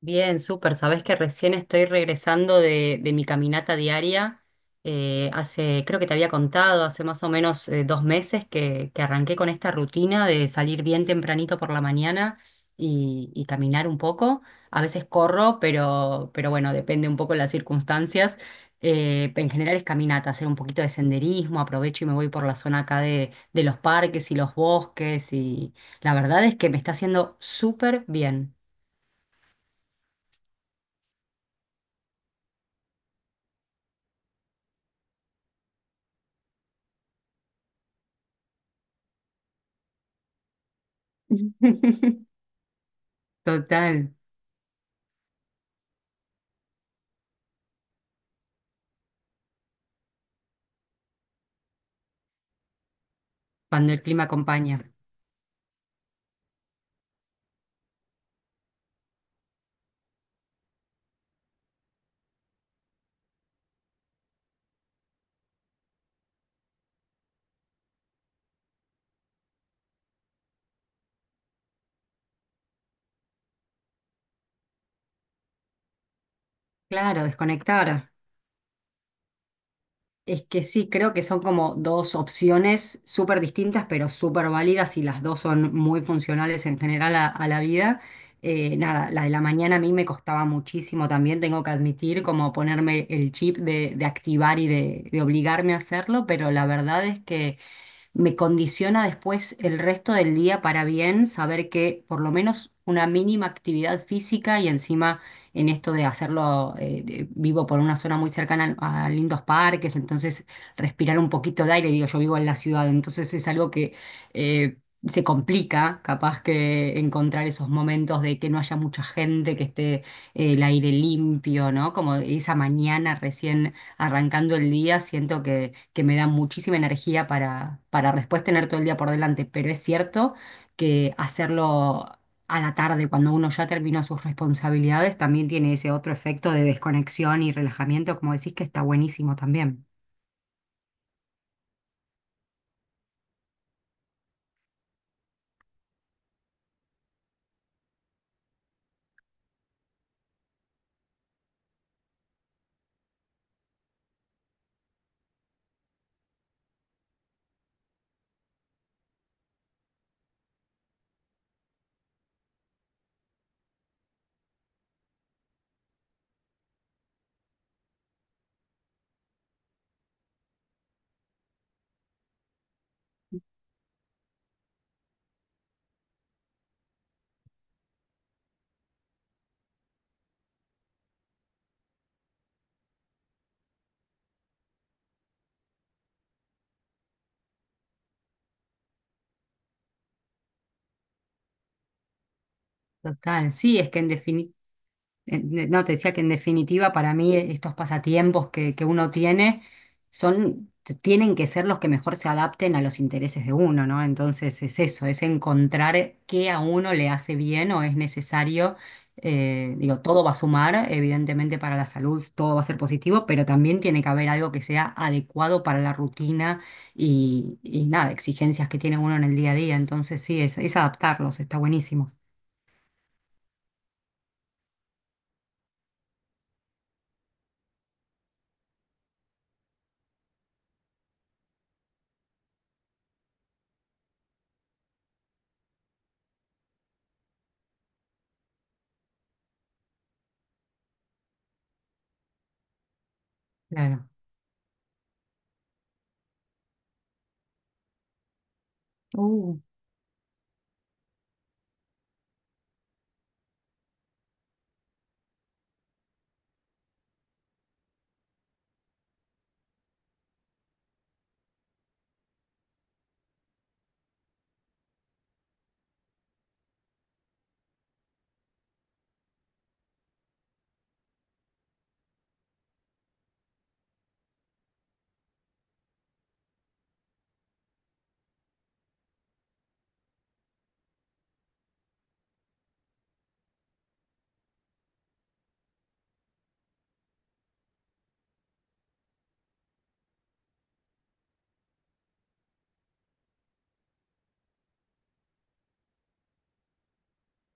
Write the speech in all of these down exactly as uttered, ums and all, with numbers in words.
Bien, súper. Sabés que recién estoy regresando de, de mi caminata diaria. Eh, hace, creo que te había contado, hace más o menos eh, dos meses que, que arranqué con esta rutina de salir bien tempranito por la mañana y, y caminar un poco. A veces corro, pero, pero bueno, depende un poco de las circunstancias. Eh, en general es caminata, hacer un poquito de senderismo, aprovecho y me voy por la zona acá de, de los parques y los bosques y la verdad es que me está haciendo súper bien. Total, cuando el clima acompaña. Claro, desconectar. Es que sí, creo que son como dos opciones súper distintas, pero súper válidas y las dos son muy funcionales en general a, a la vida. Eh, nada, la de la mañana a mí me costaba muchísimo también, tengo que admitir, como ponerme el chip de, de activar y de, de obligarme a hacerlo, pero la verdad es que me condiciona después el resto del día para bien saber que por lo menos una mínima actividad física y encima en esto de hacerlo, eh, de- vivo por una zona muy cercana a, a lindos parques, entonces respirar un poquito de aire, digo, yo vivo en la ciudad, entonces es algo que eh, se complica capaz que encontrar esos momentos de que no haya mucha gente, que esté eh, el aire limpio, ¿no? Como esa mañana recién arrancando el día, siento que, que me da muchísima energía para, para después tener todo el día por delante, pero es cierto que hacerlo a la tarde, cuando uno ya terminó sus responsabilidades, también tiene ese otro efecto de desconexión y relajamiento, como decís, que está buenísimo también. Total, sí, es que en definitiva en- de- no, te decía que en definitiva para mí estos pasatiempos que, que uno tiene son, t- tienen que ser los que mejor se adapten a los intereses de uno, ¿no? Entonces es eso, es encontrar qué a uno le hace bien o es necesario. Eh, digo, todo va a sumar, evidentemente para la salud, todo va a ser positivo, pero también tiene que haber algo que sea adecuado para la rutina y, y nada, exigencias que tiene uno en el día a día. Entonces sí, es, es adaptarlos, está buenísimo. Claro.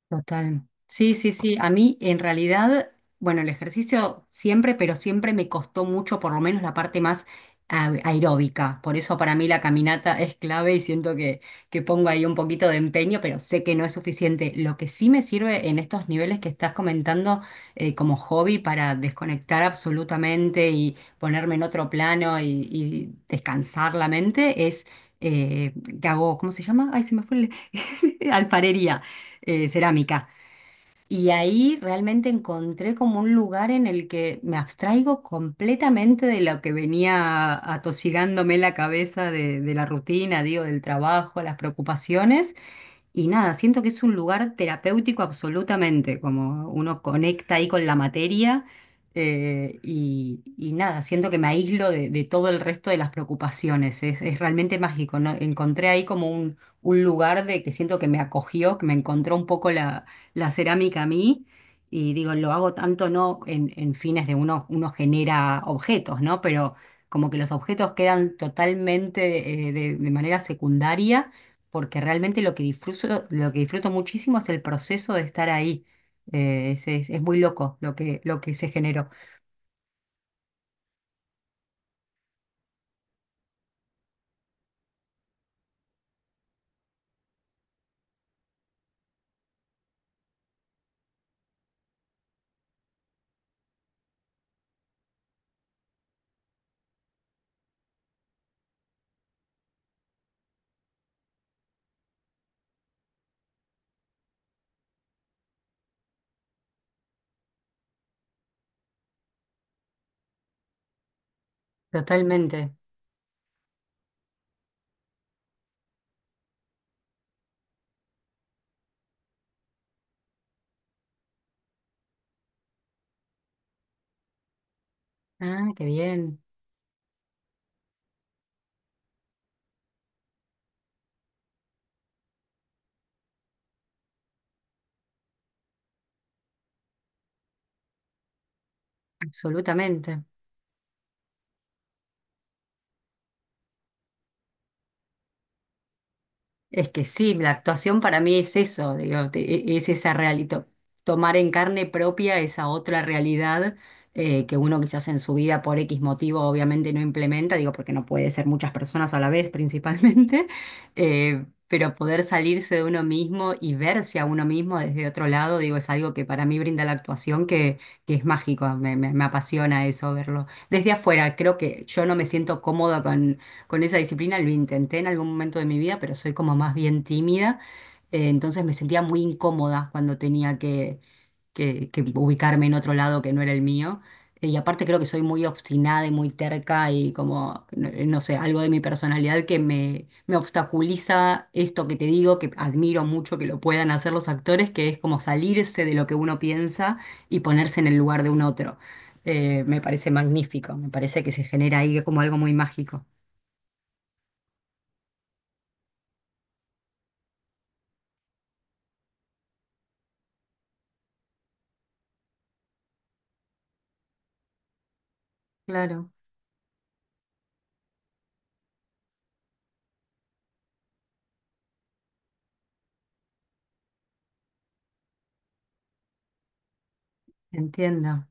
Total. Sí, sí, sí. A mí en realidad, bueno, el ejercicio siempre, pero siempre me costó mucho, por lo menos la parte más a- aeróbica. Por eso para mí la caminata es clave y siento que, que pongo ahí un poquito de empeño, pero sé que no es suficiente. Lo que sí me sirve en estos niveles que estás comentando eh, como hobby para desconectar absolutamente y ponerme en otro plano y, y descansar la mente es... eh, que hago, ¿cómo se llama? Ay, se me fue el- alfarería, eh, cerámica. Y ahí realmente encontré como un lugar en el que me abstraigo completamente de lo que venía atosigándome la cabeza de, de la rutina, digo, del trabajo, las preocupaciones. Y nada, siento que es un lugar terapéutico absolutamente, como uno conecta ahí con la materia eh, y, y nada, siento que me aíslo de, de todo el resto de las preocupaciones, es, es realmente mágico, ¿no? Encontré ahí como un, un lugar de que siento que me acogió, que me encontró un poco la, la cerámica a mí y digo, lo hago tanto no en, en fines de uno, uno genera objetos, ¿no? Pero como que los objetos quedan totalmente eh, de de manera secundaria porque realmente lo que disfruto, lo que disfruto muchísimo es el proceso de estar ahí. Eh, es, es- es muy loco lo que, lo que se generó. Totalmente. Ah, qué bien. Absolutamente. Es que sí, la actuación para mí es eso, digo, te- e- es esa realidad, tomar en carne propia esa otra realidad, eh, que uno quizás en su vida por X motivo obviamente no implementa, digo, porque no puede ser muchas personas a la vez principalmente, eh, pero poder salirse de uno mismo y verse a uno mismo desde otro lado, digo, es algo que para mí brinda la actuación que, que es mágico, me, me me apasiona eso verlo. Desde afuera, creo que yo no me siento cómoda con esa disciplina, lo intenté en algún momento de mi vida, pero soy como más bien tímida, eh, entonces me sentía muy incómoda cuando tenía que, que- que ubicarme en otro lado que no era el mío. Eh, Y aparte creo que soy muy obstinada y muy terca y como, no, eh, no sé, algo de mi personalidad que me, me obstaculiza esto que te digo, que admiro mucho que lo puedan hacer los actores, que es como salirse de lo que uno piensa y ponerse en el lugar de un otro. Eh, me parece magnífico, me parece que se genera ahí como algo muy mágico. Claro. Entiendo.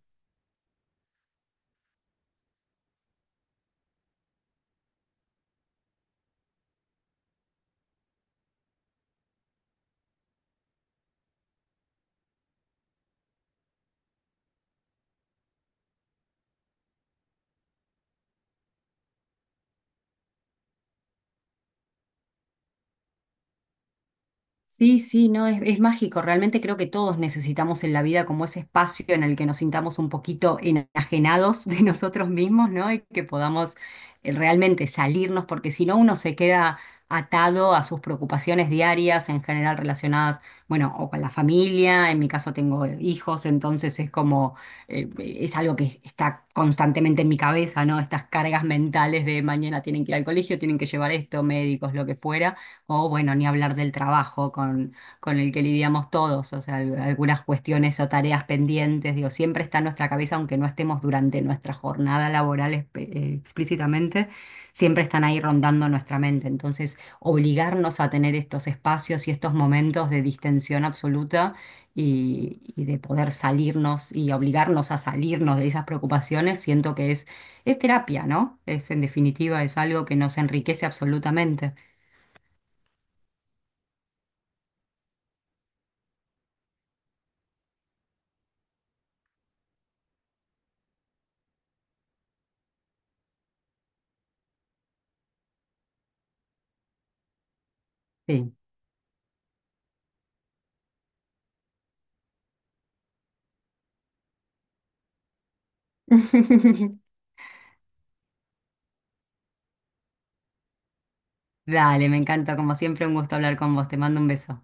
Sí, sí, no, es, es mágico. Realmente creo que todos necesitamos en la vida como ese espacio en el que nos sintamos un poquito enajenados de nosotros mismos, ¿no? Y que podamos eh, realmente salirnos, porque si no uno se queda atado a sus preocupaciones diarias, en general relacionadas, bueno, o con la familia, en mi caso tengo eh, hijos, entonces es como, eh, es algo que está constantemente en mi cabeza, ¿no? Estas cargas mentales de mañana tienen que ir al colegio, tienen que llevar esto, médicos, lo que fuera. O bueno, ni hablar del trabajo con, con el que lidiamos todos, o sea, al- algunas cuestiones o tareas pendientes, digo, siempre está en nuestra cabeza, aunque no estemos durante nuestra jornada laboral espe- eh, explícitamente, siempre están ahí rondando nuestra mente. Entonces, obligarnos a tener estos espacios y estos momentos de distensión absoluta y, y de poder salirnos y obligarnos a salirnos de esas preocupaciones, siento que es, es terapia, ¿no? Es en definitiva, es algo que nos enriquece absolutamente. Sí. Dale, me encanta, como siempre, un gusto hablar con vos. Te mando un beso.